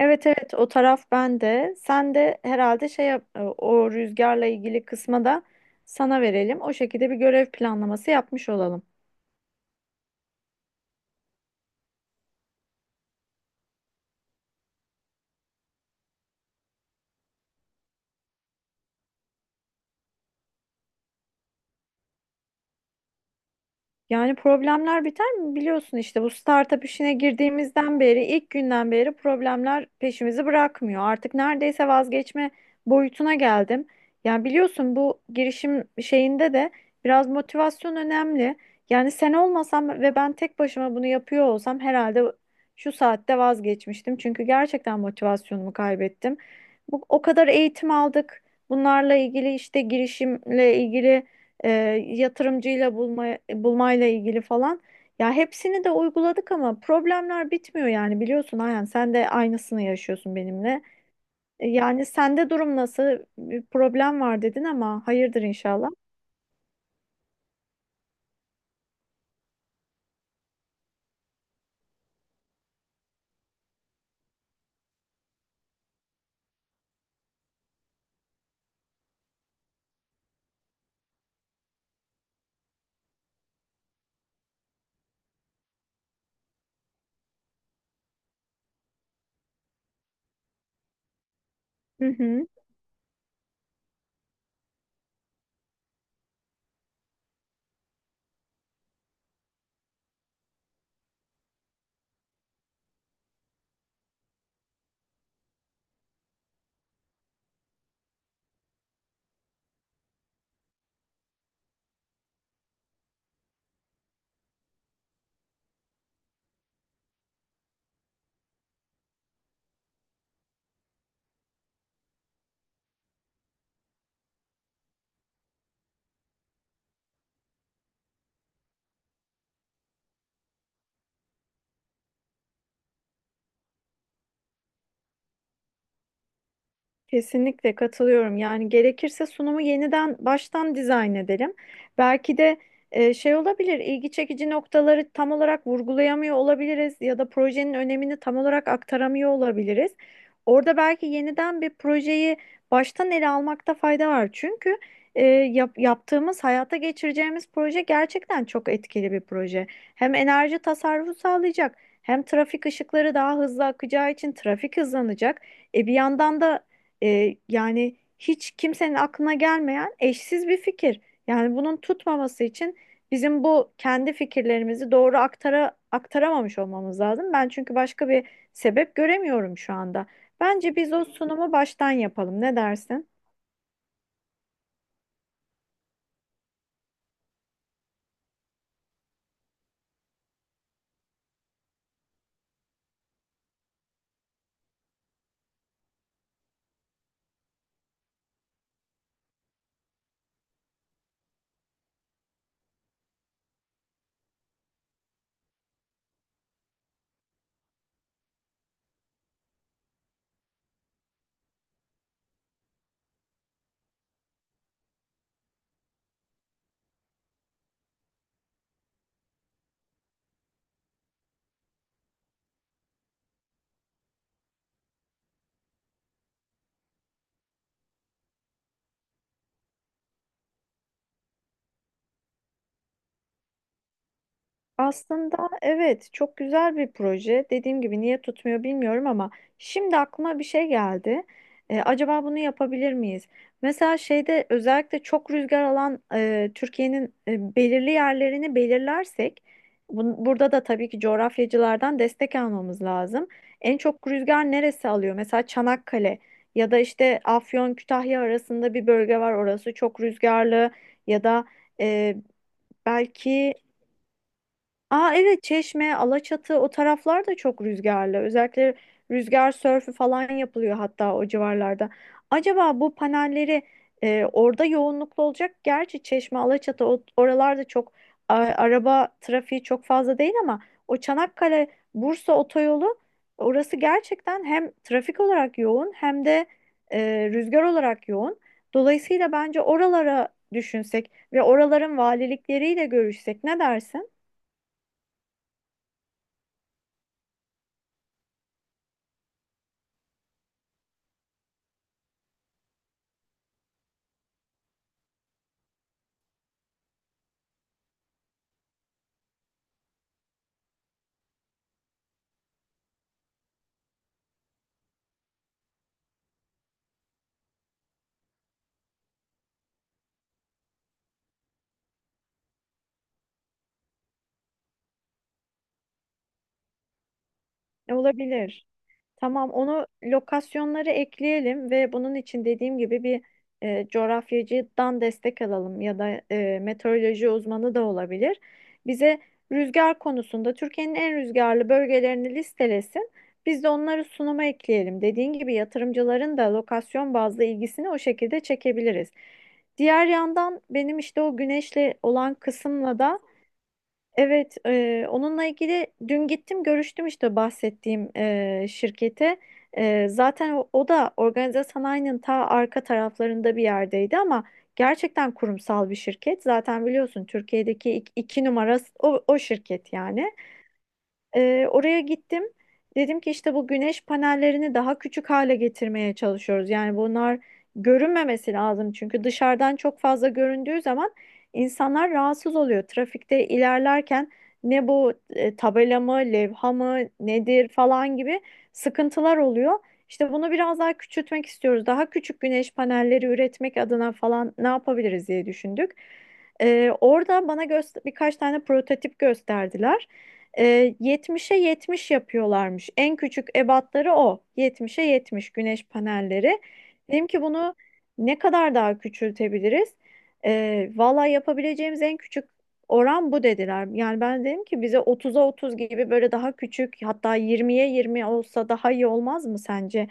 Evet evet o taraf bende. Sen de herhalde o rüzgarla ilgili kısma da sana verelim. O şekilde bir görev planlaması yapmış olalım. Yani problemler biter mi? Biliyorsun işte bu startup işine girdiğimizden beri, ilk günden beri problemler peşimizi bırakmıyor. Artık neredeyse vazgeçme boyutuna geldim. Yani biliyorsun bu girişim şeyinde de biraz motivasyon önemli. Yani sen olmasam ve ben tek başıma bunu yapıyor olsam herhalde şu saatte vazgeçmiştim. Çünkü gerçekten motivasyonumu kaybettim. Bu, o kadar eğitim aldık. Bunlarla ilgili işte girişimle ilgili e, yatırımcıyla bulma, bulmayla ilgili falan. Ya hepsini de uyguladık ama problemler bitmiyor, yani biliyorsun Ayhan, sen de aynısını yaşıyorsun benimle. Yani sende durum nasıl? Bir problem var dedin ama hayırdır inşallah. Hı hı. Kesinlikle katılıyorum. Yani gerekirse sunumu yeniden baştan dizayn edelim. Belki de şey olabilir, ilgi çekici noktaları tam olarak vurgulayamıyor olabiliriz ya da projenin önemini tam olarak aktaramıyor olabiliriz. Orada belki yeniden bir projeyi baştan ele almakta fayda var. Çünkü yaptığımız, hayata geçireceğimiz proje gerçekten çok etkili bir proje. Hem enerji tasarrufu sağlayacak, hem trafik ışıkları daha hızlı akacağı için trafik hızlanacak. Bir yandan da yani hiç kimsenin aklına gelmeyen eşsiz bir fikir. Yani bunun tutmaması için bizim bu kendi fikirlerimizi doğru aktaramamış olmamız lazım. Ben çünkü başka bir sebep göremiyorum şu anda. Bence biz o sunumu baştan yapalım. Ne dersin? Aslında evet, çok güzel bir proje. Dediğim gibi niye tutmuyor bilmiyorum ama şimdi aklıma bir şey geldi. Acaba bunu yapabilir miyiz? Mesela şeyde, özellikle çok rüzgar alan Türkiye'nin belirli yerlerini belirlersek, burada da tabii ki coğrafyacılardan destek almamız lazım. En çok rüzgar neresi alıyor? Mesela Çanakkale ya da işte Afyon Kütahya arasında bir bölge var. Orası çok rüzgarlı, ya da e, belki. Aa, evet, Çeşme, Alaçatı o taraflar da çok rüzgarlı. Özellikle rüzgar sörfü falan yapılıyor hatta o civarlarda. Acaba bu panelleri orada yoğunluklu olacak. Gerçi Çeşme, Alaçatı oralarda çok araba trafiği çok fazla değil ama o Çanakkale Bursa otoyolu, orası gerçekten hem trafik olarak yoğun hem de rüzgar olarak yoğun. Dolayısıyla bence oralara düşünsek ve oraların valilikleriyle görüşsek, ne dersin? Olabilir. Tamam, onu, lokasyonları ekleyelim ve bunun için dediğim gibi bir coğrafyacıdan destek alalım ya da meteoroloji uzmanı da olabilir. Bize rüzgar konusunda Türkiye'nin en rüzgarlı bölgelerini listelesin. Biz de onları sunuma ekleyelim. Dediğin gibi yatırımcıların da lokasyon bazlı ilgisini o şekilde çekebiliriz. Diğer yandan benim işte o güneşle olan kısımla da. Evet, onunla ilgili dün gittim görüştüm işte bahsettiğim şirkete. Zaten o da organize sanayinin ta arka taraflarında bir yerdeydi ama gerçekten kurumsal bir şirket. Zaten biliyorsun Türkiye'deki iki numara o şirket yani. Oraya gittim. Dedim ki işte bu güneş panellerini daha küçük hale getirmeye çalışıyoruz. Yani bunlar görünmemesi lazım, çünkü dışarıdan çok fazla göründüğü zaman insanlar rahatsız oluyor. Trafikte ilerlerken ne bu, tabela mı, levha mı, nedir falan gibi sıkıntılar oluyor. İşte bunu biraz daha küçültmek istiyoruz. Daha küçük güneş panelleri üretmek adına falan ne yapabiliriz diye düşündük. Orada bana birkaç tane prototip gösterdiler. 70'e 70 yapıyorlarmış. En küçük ebatları o. 70'e 70 güneş panelleri. Dedim ki bunu ne kadar daha küçültebiliriz? Valla yapabileceğimiz en küçük oran bu dediler. Yani ben dedim ki bize 30'a 30 gibi, böyle daha küçük, hatta 20'ye 20 olsa daha iyi olmaz mı sence?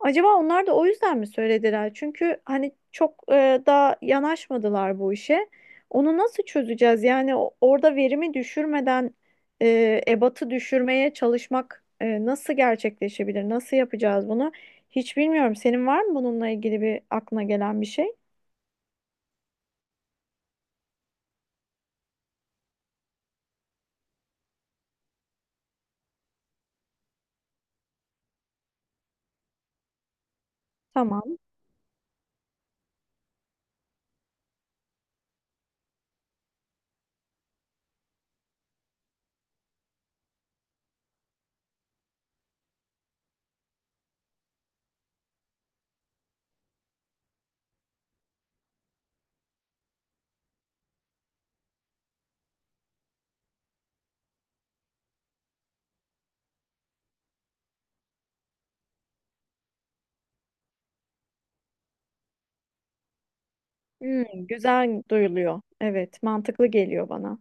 Acaba onlar da o yüzden mi söylediler? Çünkü hani çok daha yanaşmadılar bu işe. Onu nasıl çözeceğiz? Yani orada verimi düşürmeden ebatı düşürmeye çalışmak nasıl gerçekleşebilir? Nasıl yapacağız bunu? Hiç bilmiyorum. Senin var mı bununla ilgili bir aklına gelen bir şey? Tamam. Hmm, güzel duyuluyor. Evet, mantıklı geliyor bana.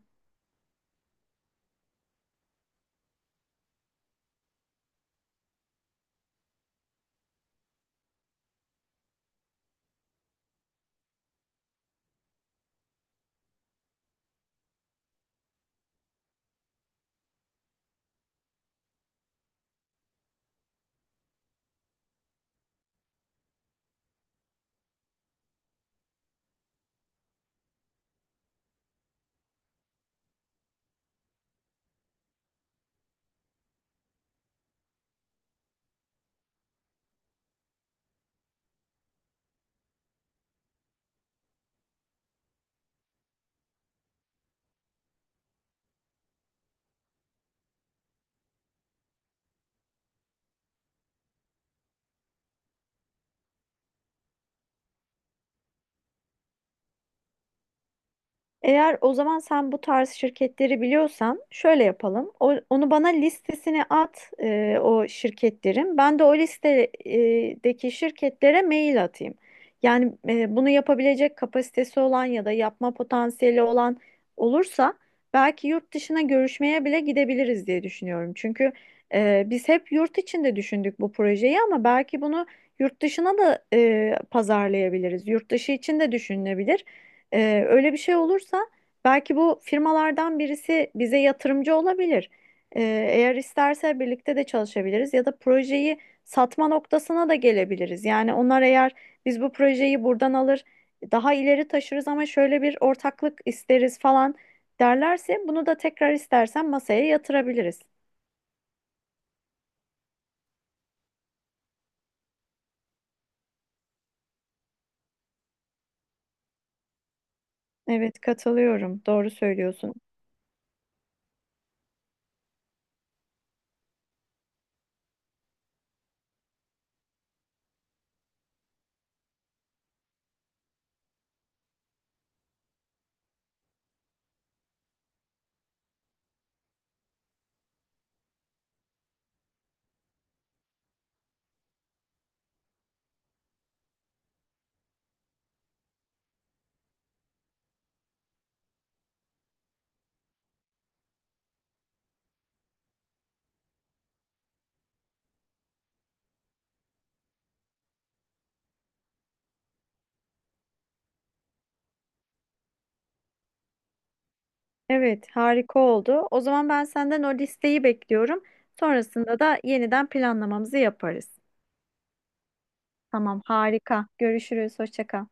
Eğer o zaman sen bu tarz şirketleri biliyorsan şöyle yapalım. Onu bana listesini at, o şirketlerin. Ben de o listedeki şirketlere mail atayım. Yani bunu yapabilecek kapasitesi olan ya da yapma potansiyeli olan olursa, belki yurt dışına görüşmeye bile gidebiliriz diye düşünüyorum. Çünkü biz hep yurt içinde düşündük bu projeyi ama belki bunu yurt dışına da pazarlayabiliriz. Yurt dışı için de düşünülebilir. Öyle bir şey olursa belki bu firmalardan birisi bize yatırımcı olabilir. Ee, eğer isterse birlikte de çalışabiliriz ya da projeyi satma noktasına da gelebiliriz. Yani onlar, eğer biz bu projeyi buradan alır daha ileri taşırız ama şöyle bir ortaklık isteriz falan derlerse, bunu da tekrar istersen masaya yatırabiliriz. Evet, katılıyorum. Doğru söylüyorsun. Evet, harika oldu. O zaman ben senden o listeyi bekliyorum. Sonrasında da yeniden planlamamızı yaparız. Tamam, harika. Görüşürüz. Hoşça kal.